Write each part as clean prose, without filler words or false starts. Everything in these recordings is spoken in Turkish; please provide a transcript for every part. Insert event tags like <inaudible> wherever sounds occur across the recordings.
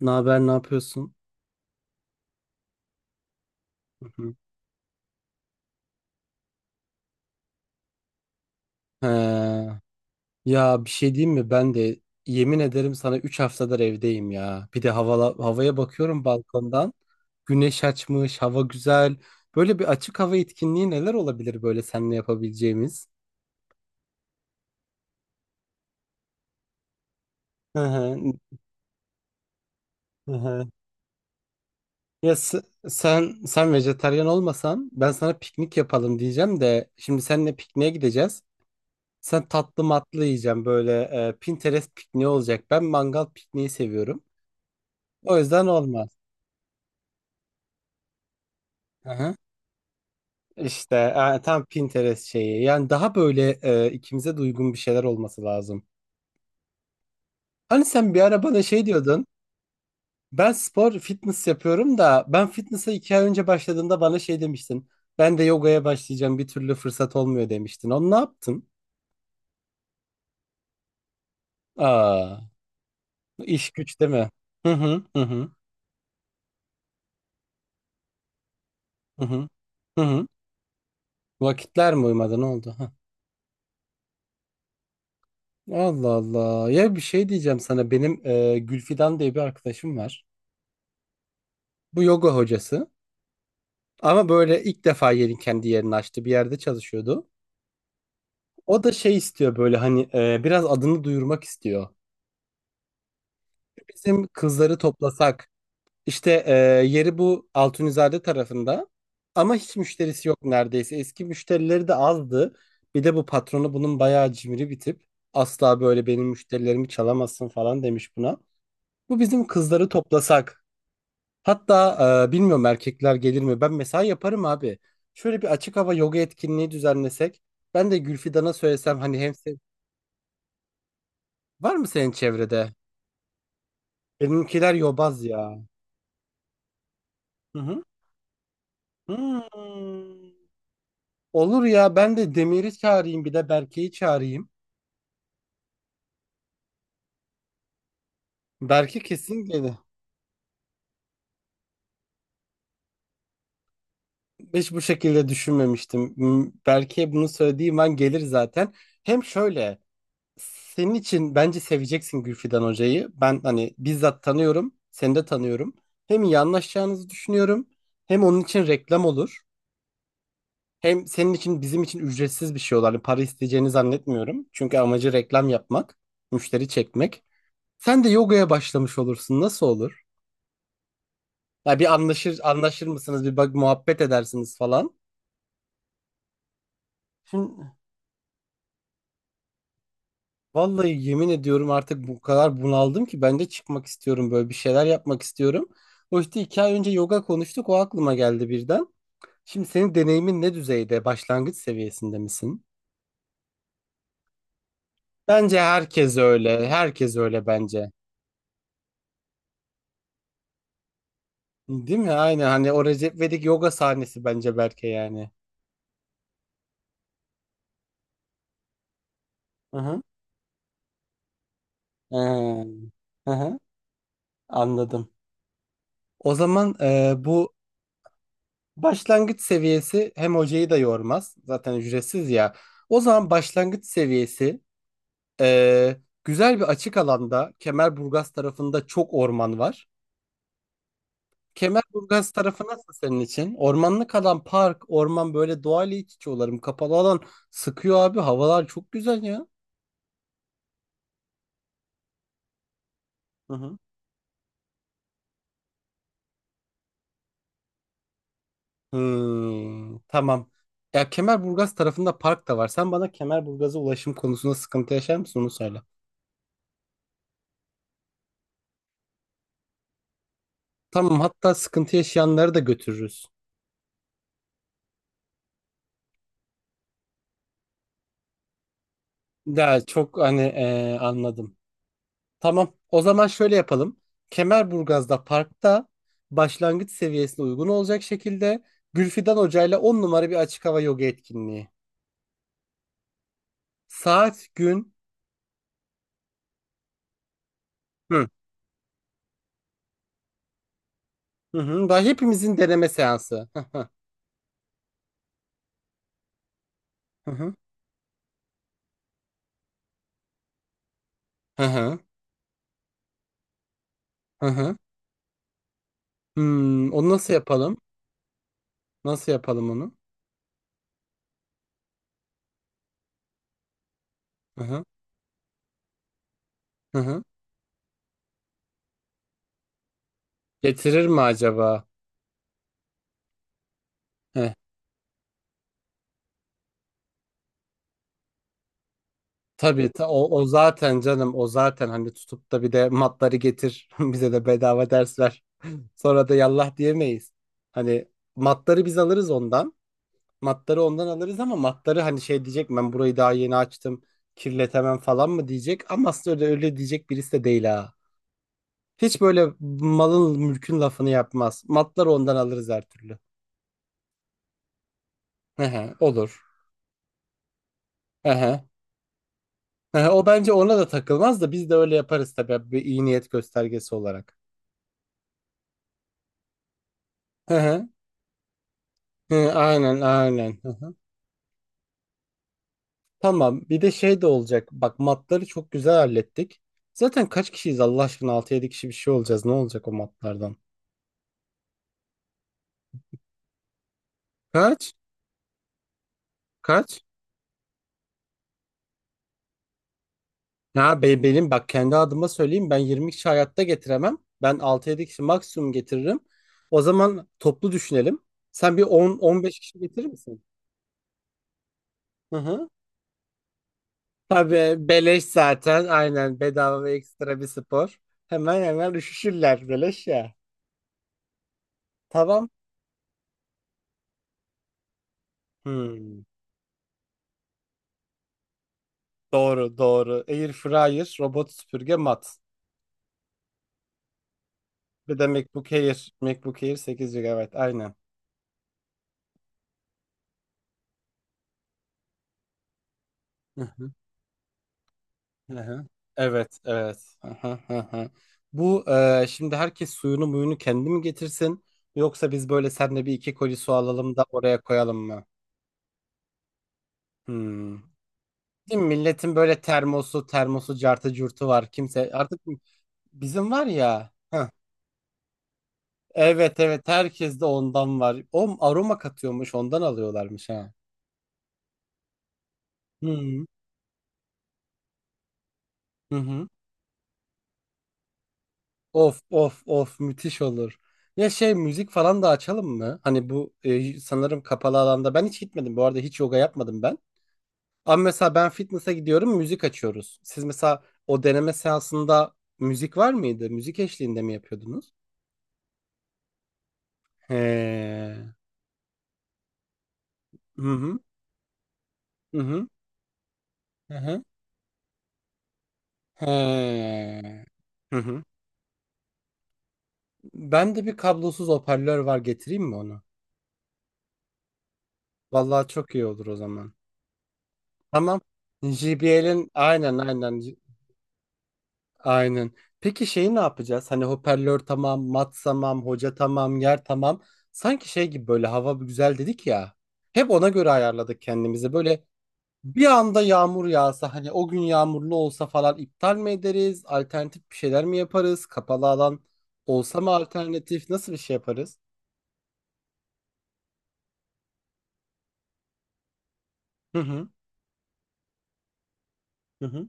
Ne haber, ne yapıyorsun? Hı hı. He, ya bir şey diyeyim mi? Ben de yemin ederim sana 3 haftadır evdeyim ya. Bir de havaya bakıyorum balkondan. Güneş açmış, hava güzel. Böyle bir açık hava etkinliği neler olabilir böyle seninle yapabileceğimiz? Hı hı, hı hı. Ya s- sen vejetaryen olmasan ben sana piknik yapalım diyeceğim de şimdi seninle pikniğe gideceğiz. Sen tatlı matlı yiyeceğim böyle Pinterest pikniği olacak. Ben mangal pikniği seviyorum. O yüzden olmaz. Aha. İşte tam Pinterest şeyi. Yani daha böyle ikimize de uygun bir şeyler olması lazım. Hani sen bir ara bana şey diyordun. Ben spor, fitness yapıyorum da ben fitness'a 2 ay önce başladığında bana şey demiştin. Ben de yogaya başlayacağım bir türlü fırsat olmuyor demiştin. Onu ne yaptın? Aa, iş güç değil mi? Hı hı hı hı hı hı. Hı hı. Vakitler mi uymadı ne oldu? Hah. Allah Allah. Ya bir şey diyeceğim sana. Benim Gülfidan diye bir arkadaşım var. Bu yoga hocası. Ama böyle ilk defa yerin kendi yerini açtı. Bir yerde çalışıyordu. O da şey istiyor böyle hani biraz adını duyurmak istiyor. Bizim kızları toplasak işte yeri bu Altunizade tarafında ama hiç müşterisi yok neredeyse. Eski müşterileri de azdı. Bir de bu patronu bunun bayağı cimri bir tip. Asla böyle benim müşterilerimi çalamazsın falan demiş buna. Bu bizim kızları toplasak. Hatta bilmiyorum erkekler gelir mi? Ben mesela yaparım abi. Şöyle bir açık hava yoga etkinliği düzenlesek. Ben de Gülfidan'a söylesem hani hem sen... Var mı senin çevrede? Benimkiler yobaz ya. Hı hı. Hmm. Olur ya ben de Demir'i çağırayım bir de Berke'yi çağırayım. Berke kesin gelir. Hiç bu şekilde düşünmemiştim. Hmm, Berke'ye bunu söylediğim an gelir zaten. Hem şöyle senin için bence seveceksin Gülfidan Hoca'yı. Ben hani bizzat tanıyorum, seni de tanıyorum. Hem iyi anlaşacağınızı düşünüyorum, hem onun için reklam olur. Hem senin için bizim için ücretsiz bir şey olur. Hani para isteyeceğini zannetmiyorum. Çünkü amacı reklam yapmak, müşteri çekmek. Sen de yogaya başlamış olursun. Nasıl olur? Ya bir anlaşır anlaşır mısınız? Bir bak muhabbet edersiniz falan. Şimdi vallahi yemin ediyorum artık bu kadar bunaldım ki ben de çıkmak istiyorum böyle bir şeyler yapmak istiyorum. O işte 2 ay önce yoga konuştuk o aklıma geldi birden. Şimdi senin deneyimin ne düzeyde? Başlangıç seviyesinde misin? Bence herkes öyle. Herkes öyle bence. Değil mi? Aynen hani o Recep İvedik yoga sahnesi bence Berke yani. Hı hı. Ee, Hı hı. Anladım. O zaman bu başlangıç seviyesi hem hocayı da yormaz. Zaten ücretsiz ya. O zaman başlangıç seviyesi. Güzel bir açık alanda Kemerburgaz tarafında çok orman var. Kemerburgaz tarafı nasıl senin için? Ormanlık alan, park, orman böyle doğayla iç içe olalım. Kapalı alan sıkıyor abi. Havalar çok güzel ya. Hı hı. Hmm, tamam. Ya Kemerburgaz tarafında park da var. Sen bana Kemerburgaz'a ulaşım konusunda sıkıntı yaşar mısın onu söyle. Tamam hatta sıkıntı yaşayanları da götürürüz. Ya çok hani anladım. Tamam. O zaman şöyle yapalım. Kemerburgaz'da parkta başlangıç seviyesine uygun olacak şekilde Gülfidan Hoca ile 10 numara bir açık hava yoga etkinliği. Saat, gün. Hı. Hı hı. Daha hepimizin deneme seansı. Hı hı. Hı hı. Hı hı. Hı hı. Hmm, onu nasıl yapalım? Nasıl yapalım onu? Hı hı. Hı hı. Getirir mi acaba? Heh. Tabii o zaten canım o zaten hani tutup da bir de matları getir <laughs> bize de bedava ders ver. Sonra da yallah diyemeyiz. Hani matları biz alırız ondan. Matları ondan alırız ama matları hani şey diyecek ben burayı daha yeni açtım kirletemem falan mı diyecek. Ama aslında öyle, öyle diyecek birisi de değil ha. Hiç böyle malın mülkün lafını yapmaz. Matları ondan alırız her türlü. Ehe, olur. Ehe. Ehe, o bence ona da takılmaz da biz de öyle yaparız tabii bir iyi niyet göstergesi olarak. Ehe. Hı, hı, aynen aynen. Hı hı. Tamam. Bir de şey de olacak. Bak matları çok güzel hallettik. Zaten kaç kişiyiz Allah aşkına? 6-7 kişi bir şey olacağız. Ne olacak o matlardan? Kaç? Kaç? Benim bak kendi adıma söyleyeyim. Ben 20 kişi hayatta getiremem. Ben 6-7 kişi maksimum getiririm. O zaman toplu düşünelim. Sen bir 10-15 kişi getirir misin? Hı hı. Tabii beleş zaten. Aynen bedava ve ekstra bir spor. Hemen hemen üşüşürler beleş ya. Tamam. Hmm. Doğru, doğru. Air fryer, robot süpürge, mat. Bir de MacBook Air. MacBook Air 8 gigabayt. Evet, aynen. Hı hı, hı hı. Evet, evet. Hı hı, hı hı. Bu şimdi herkes suyunu muyunu kendi mi getirsin? Yoksa biz böyle senle bir iki koli su alalım da oraya koyalım mı? Hmm. Değil mi? Milletin böyle termosu, termosu, cartı curtu var. Kimse artık bizim var ya. Heh. Evet, evet. Herkes de ondan var. O aroma katıyormuş, ondan alıyorlarmış ha. Hı hı. Hı hı. Of of of müthiş olur. Ya şey müzik falan da açalım mı? Hani bu sanırım kapalı alanda ben hiç gitmedim bu arada hiç yoga yapmadım ben. Ama mesela ben fitness'a gidiyorum müzik açıyoruz. Siz mesela o deneme seansında müzik var mıydı? Müzik eşliğinde mi yapıyordunuz? He. Hı hı. Hı hı. Hı hı. He. Hı hı. Ben de bir kablosuz hoparlör var getireyim mi onu? Vallahi çok iyi olur o zaman. Tamam. JBL'in aynen aynen. Aynen. Peki şeyi ne yapacağız? Hani hoparlör tamam, mat tamam, hoca tamam, yer tamam. Sanki şey gibi böyle hava bir güzel dedik ya. Hep ona göre ayarladık kendimizi. Böyle bir anda yağmur yağsa hani o gün yağmurlu olsa falan iptal mi ederiz? Alternatif bir şeyler mi yaparız? Kapalı alan olsa mı alternatif? Nasıl bir şey yaparız? Hı hı. Hı hı.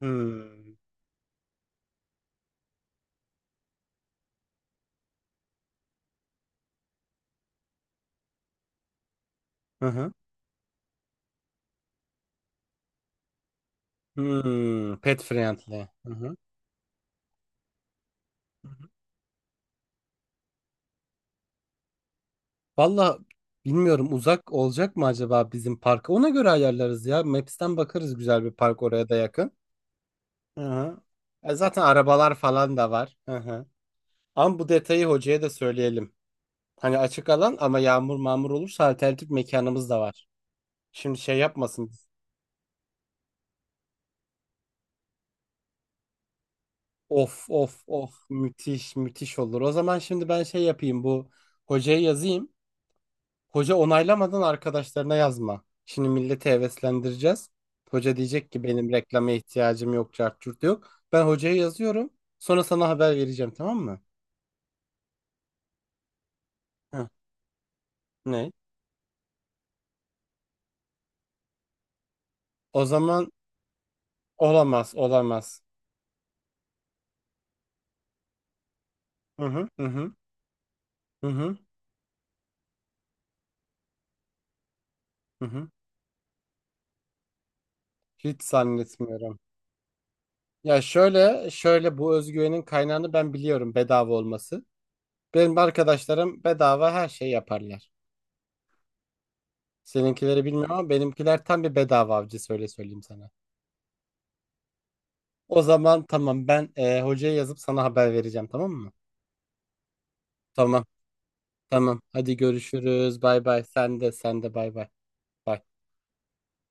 Hmm. Hı hı. Hmm. Pet friendly. Hı hı. Valla bilmiyorum uzak olacak mı acaba bizim parka? Ona göre ayarlarız ya. Maps'ten bakarız güzel bir park oraya da yakın. Hı hı. E zaten arabalar falan da var. Hı hı. Ama bu detayı hocaya da söyleyelim. Hani açık alan ama yağmur mağmur olursa alternatif mekanımız da var. Şimdi şey yapmasın. Of of of müthiş müthiş olur. O zaman şimdi ben şey yapayım bu hocaya yazayım. Hoca onaylamadan arkadaşlarına yazma. Şimdi milleti heveslendireceğiz. Hoca diyecek ki benim reklama ihtiyacım yok, cart curt yok. Ben hocaya yazıyorum. Sonra sana haber vereceğim tamam mı? Heh, ne? O zaman olamaz, olamaz. Hı hı, hı hı, hı hı, hı hı. Hiç zannetmiyorum. Ya şöyle, şöyle bu özgüvenin kaynağını ben biliyorum bedava olması. Benim arkadaşlarım bedava her şey yaparlar. Seninkileri bilmiyorum ama benimkiler tam bir bedava avcısı öyle söyleyeyim sana. O zaman tamam ben hocaya yazıp sana haber vereceğim tamam mı? Tamam tamam hadi görüşürüz bay bay sen de sen de bay bay. Bay.